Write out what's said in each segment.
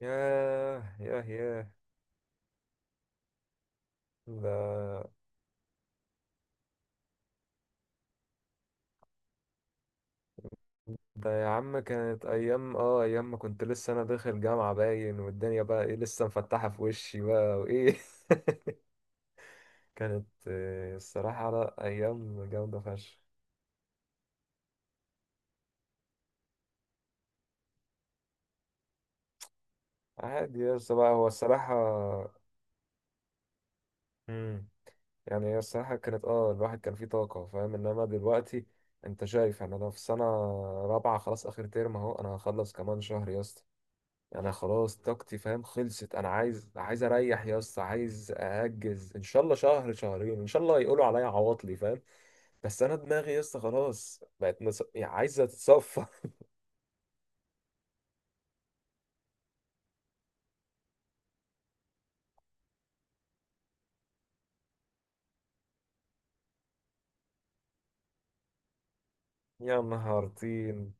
ياه ياه ياه. ده ده يا عم، كانت أيام أيام ما كنت لسه أنا داخل جامعة، باين والدنيا بقى إيه لسه مفتحة في وشي بقى وإيه. كانت الصراحة لأ أيام جامدة فشخ. عادي يا اسطى بقى، هو الصراحة. مم. يعني هي الصراحة كانت الواحد كان فيه طاقة فاهم، انما دلوقتي انت شايف. يعني انا في سنة رابعة، خلاص اخر ترم اهو، انا هخلص كمان شهر يا اسطى. انا خلاص طاقتي فاهم خلصت، انا عايز اريح يا اسطى، عايز اهجز ان شاء الله شهر شهرين، ان شاء الله يقولوا عليا عواطلي فاهم. بس انا دماغي يا اسطى خلاص بقت يعني عايزه تتصفى. يا نهار طين.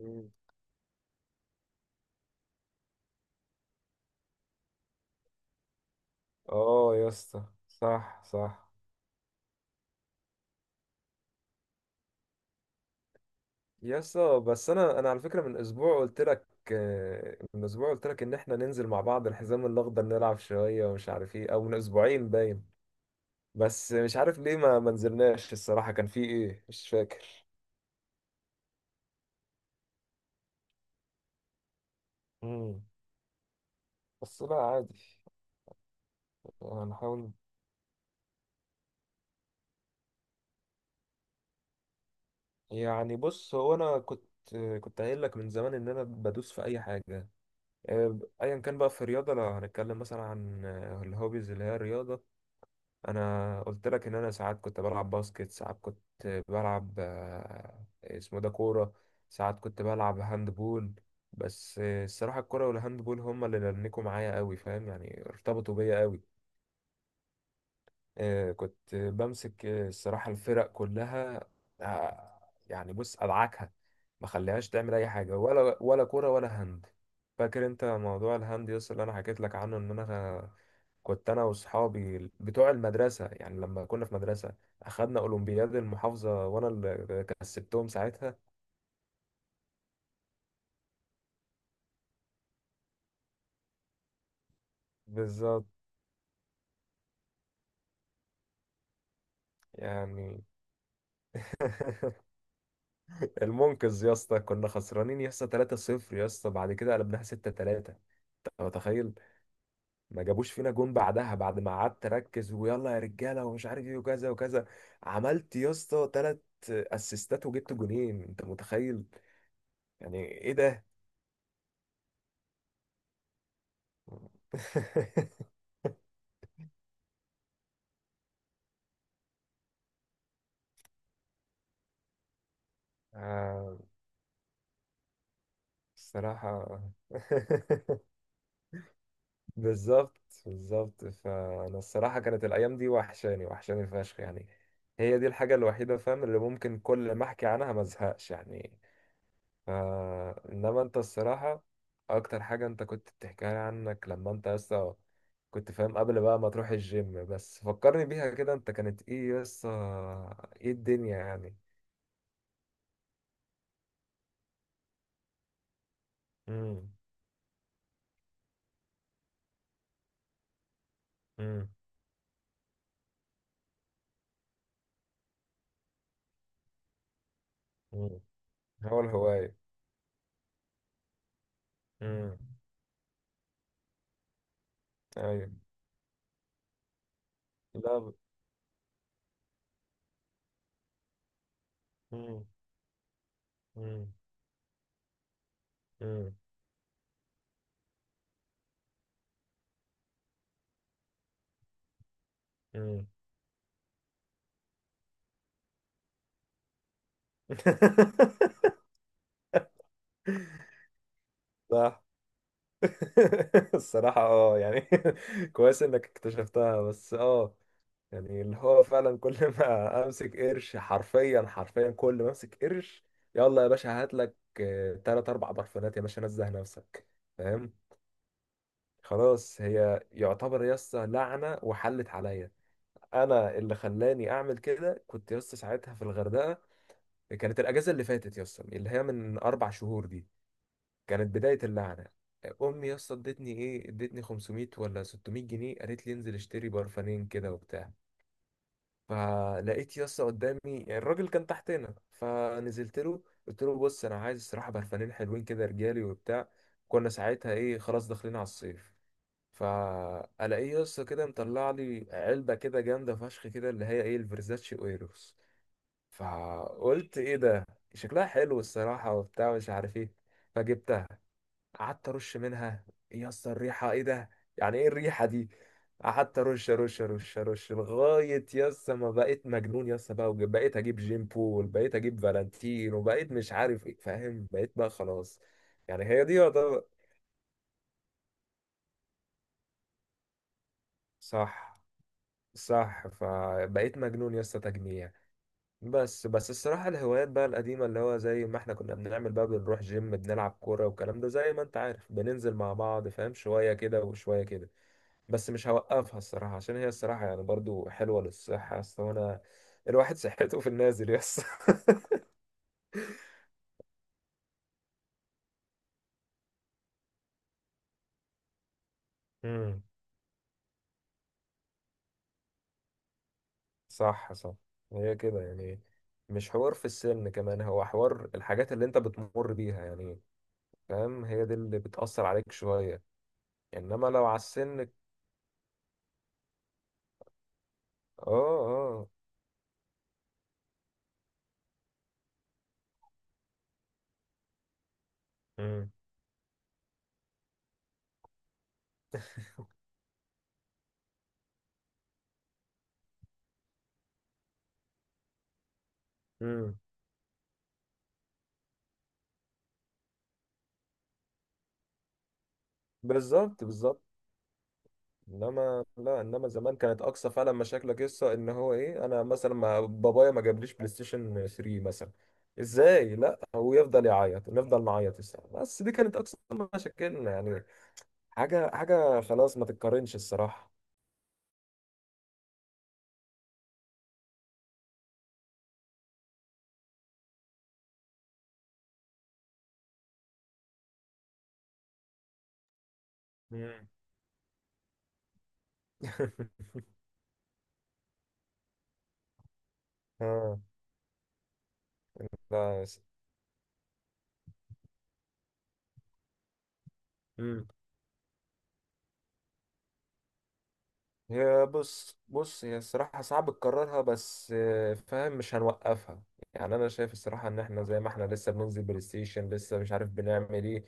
مم. اه يا اسطى، صح صح. يا اسطى بس انا على فكره من اسبوع قلت لك، من اسبوع قلت لك ان احنا ننزل مع بعض الحزام الاخضر نلعب شويه ومش عارف ايه، او من اسبوعين باين. بس مش عارف ليه ما نزلناش، الصراحه كان في ايه مش فاكر. مم. بس لا عادي. هنحاول. يعني بص، هو انا كنت قايل لك من زمان ان انا بدوس في اي حاجه، ايا كان بقى في الرياضه. لو هنتكلم مثلا عن الهوبيز اللي هي الرياضه، انا قلت لك ان انا ساعات كنت بلعب باسكت، ساعات كنت بلعب اسمه ده كوره، ساعات كنت بلعب هاند بول. بس الصراحه الكوره والهاند بول هما اللي ننكوا معايا قوي فاهم، يعني ارتبطوا بيا قوي. كنت بمسك الصراحة الفرق كلها. آه، يعني بص أدعكها، ما خليهاش تعمل أي حاجة ولا كورة ولا هاند. فاكر أنت موضوع الهاند يس اللي أنا حكيت لك عنه إن أنا كنت أنا وأصحابي بتوع المدرسة، يعني لما كنا في مدرسة أخدنا أولمبياد المحافظة وأنا اللي كسبتهم ساعتها. بالظبط، يعني المنقذ يا اسطى، كنا خسرانين يا اسطى 3-0 يا اسطى، بعد كده قلبناها 6-3. أنت متخيل، ما جابوش فينا جون بعدها. بعد ما قعدت اركز، ويلا يا رجاله ومش عارف ايه وكذا وكذا، عملت يا اسطى ثلاث اسيستات وجبت جونين. انت متخيل، يعني ايه ده. آه، الصراحه. بالظبط بالظبط، فانا الصراحه كانت الايام دي وحشاني وحشاني فشخ يعني. هي دي الحاجه الوحيده فاهم اللي ممكن كل ما احكي عنها ما ازهقش يعني. انما انت الصراحة اكتر حاجة انت كنت بتحكي لي عنك لما انت لسه كنت فاهم، قبل بقى ما تروح الجيم. بس فكرني بيها كده، انت كانت ايه لسه، ايه الدنيا يعني؟ امم. امم. امم. هو الهواية. امم. ايوه. لا، امم. امم. امم. امم. صح. الصراحة اه يعني. كويس انك اكتشفتها. بس يعني اللي هو فعلا كل ما امسك قرش، حرفيا حرفيا كل ما امسك قرش، يلا يا باشا هات لك تلات اربع برفانات يا باشا، نزه نفسك فاهم. خلاص هي يعتبر يسطا لعنه وحلت عليا، انا اللي خلاني اعمل كده، كنت يسطا ساعتها في الغردقه، كانت الاجازه اللي فاتت يسطا اللي هي من اربع شهور دي، كانت بدايه اللعنه. امي يسطا ادتني ايه، ادتني 500 ولا 600 جنيه، قالت لي انزل اشتري برفانين كده وبتاع. فلقيت يسطا قدامي، يعني الراجل كان تحتنا فنزلت له، قلت له بص انا عايز الصراحه برفانين حلوين كده رجالي وبتاع، كنا ساعتها ايه خلاص داخلين على الصيف. فالاقيه يسطا كده مطلع لي علبه كده جامده فشخ كده اللي هي ايه الفيرزاتشي اويروس. فقلت ايه ده، شكلها حلو الصراحه وبتاع مش عارف ايه. فجبت، قعدت ارش منها، ايه يا اسطى الريحه، ايه ده، يعني ايه الريحه دي. قعدت ارش ارش ارش ارش لغايه يا اسطى ما بقيت مجنون يا اسطى بقى، وبقيت اجيب جيم بول، بقيت اجيب فالنتين، وبقيت مش عارف ايه فاهم، بقيت بقى خلاص. يعني هي دي يعتبر. صح صح، فبقيت مجنون يا اسطى تجميع. بس بس الصراحة الهوايات بقى القديمة، اللي هو زي ما احنا كنا بنعمل بقى، بنروح جيم بنلعب كورة والكلام ده زي ما انت عارف، بننزل مع بعض فاهم شوية كده وشوية كده. بس مش هوقفها الصراحة عشان هي الصراحة يعني برضو حلوة للصحة، أصل وأنا الواحد صحته في النازل يس. امم. صح صح، هي كده يعني. مش حوار في السن كمان، هو حوار الحاجات اللي أنت بتمر بيها يعني فاهم، هي دي اللي بتأثر عليك شوية. إنما لو على السن اه. اه. امم. امم. بالظبط بالظبط، انما لا، انما زمان كانت اقصى فعلا مشاكلك قصه ان هو ايه، انا مثلا ما بابايا ما جابليش بلاي ستيشن 3 مثلا، ازاي؟ لا هو يفضل يعيط نفضل نعيط الساعه، بس دي كانت اقصى مشاكلنا يعني، حاجه حاجه خلاص ما تتقارنش الصراحه. مم. اه. لا هي بص بص، هي الصراحة صعب تكررها، بس فاهم مش هنوقفها. يعني أنا شايف الصراحة إن إحنا زي ما إحنا لسه بننزل بلاي ستيشن لسه مش عارف بنعمل إيه.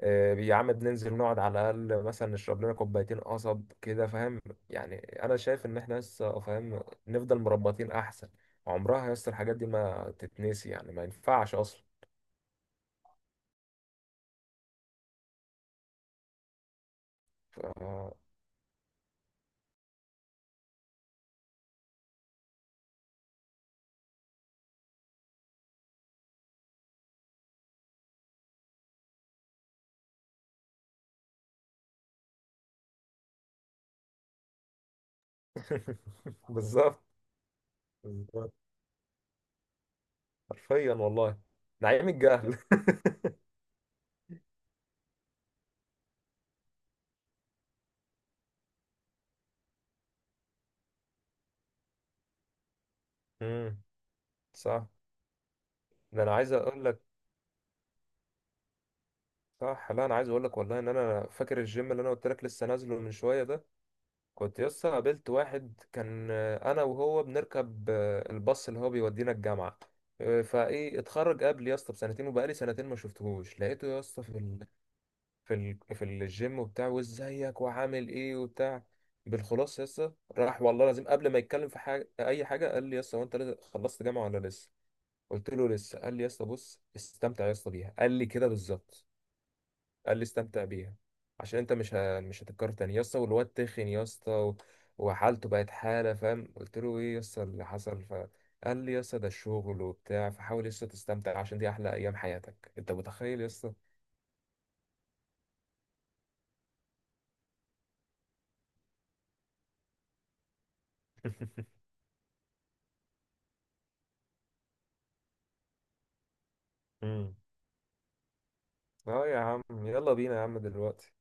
يا عم بننزل نقعد على الأقل مثلا نشرب لنا كوبايتين قصب كده فاهم، يعني أنا شايف إن إحنا لسه فاهم نفضل مربطين أحسن، عمرها يس الحاجات دي ما تتنسي يعني، ما ينفعش أصلا. ف... بالظبط بالظبط، حرفيا والله، نعيم الجهل. مم، صح. ده انا عايز اقول لك، صح لا انا عايز اقول لك والله ان انا فاكر الجيم اللي انا قلت لك لسه نازله من شويه ده، كنت لسه قابلت واحد كان انا وهو بنركب الباص اللي هو بيودينا الجامعه، فايه اتخرج قبل يا اسطى بسنتين وبقالي سنتين ما شفتهوش، لقيته يا اسطى في الجيم وبتاع، وازيك وعامل ايه وبتاع. بالخلاص يا اسطى، راح والله لازم قبل ما يتكلم في حاجه اي حاجه قال لي يا اسطى هو انت خلصت جامعه ولا لسه، قلت له لسه. قال لي يا اسطى بص استمتع يا اسطى بيها، قال لي كده بالظبط، قال لي استمتع بيها عشان انت مش مش هتتكرر تاني يا اسطى. والواد تخن يا اسطى وحالته بقت حاله فاهم، قلت له ايه يا اسطى اللي حصل، فقال لي يا اسطى ده الشغل وبتاع، فحاول يا اسطى تستمتع عشان دي احلى ايام حياتك، انت متخيل يا اسطى. مم. اه يا عم يلا بينا يا عم دلوقتي.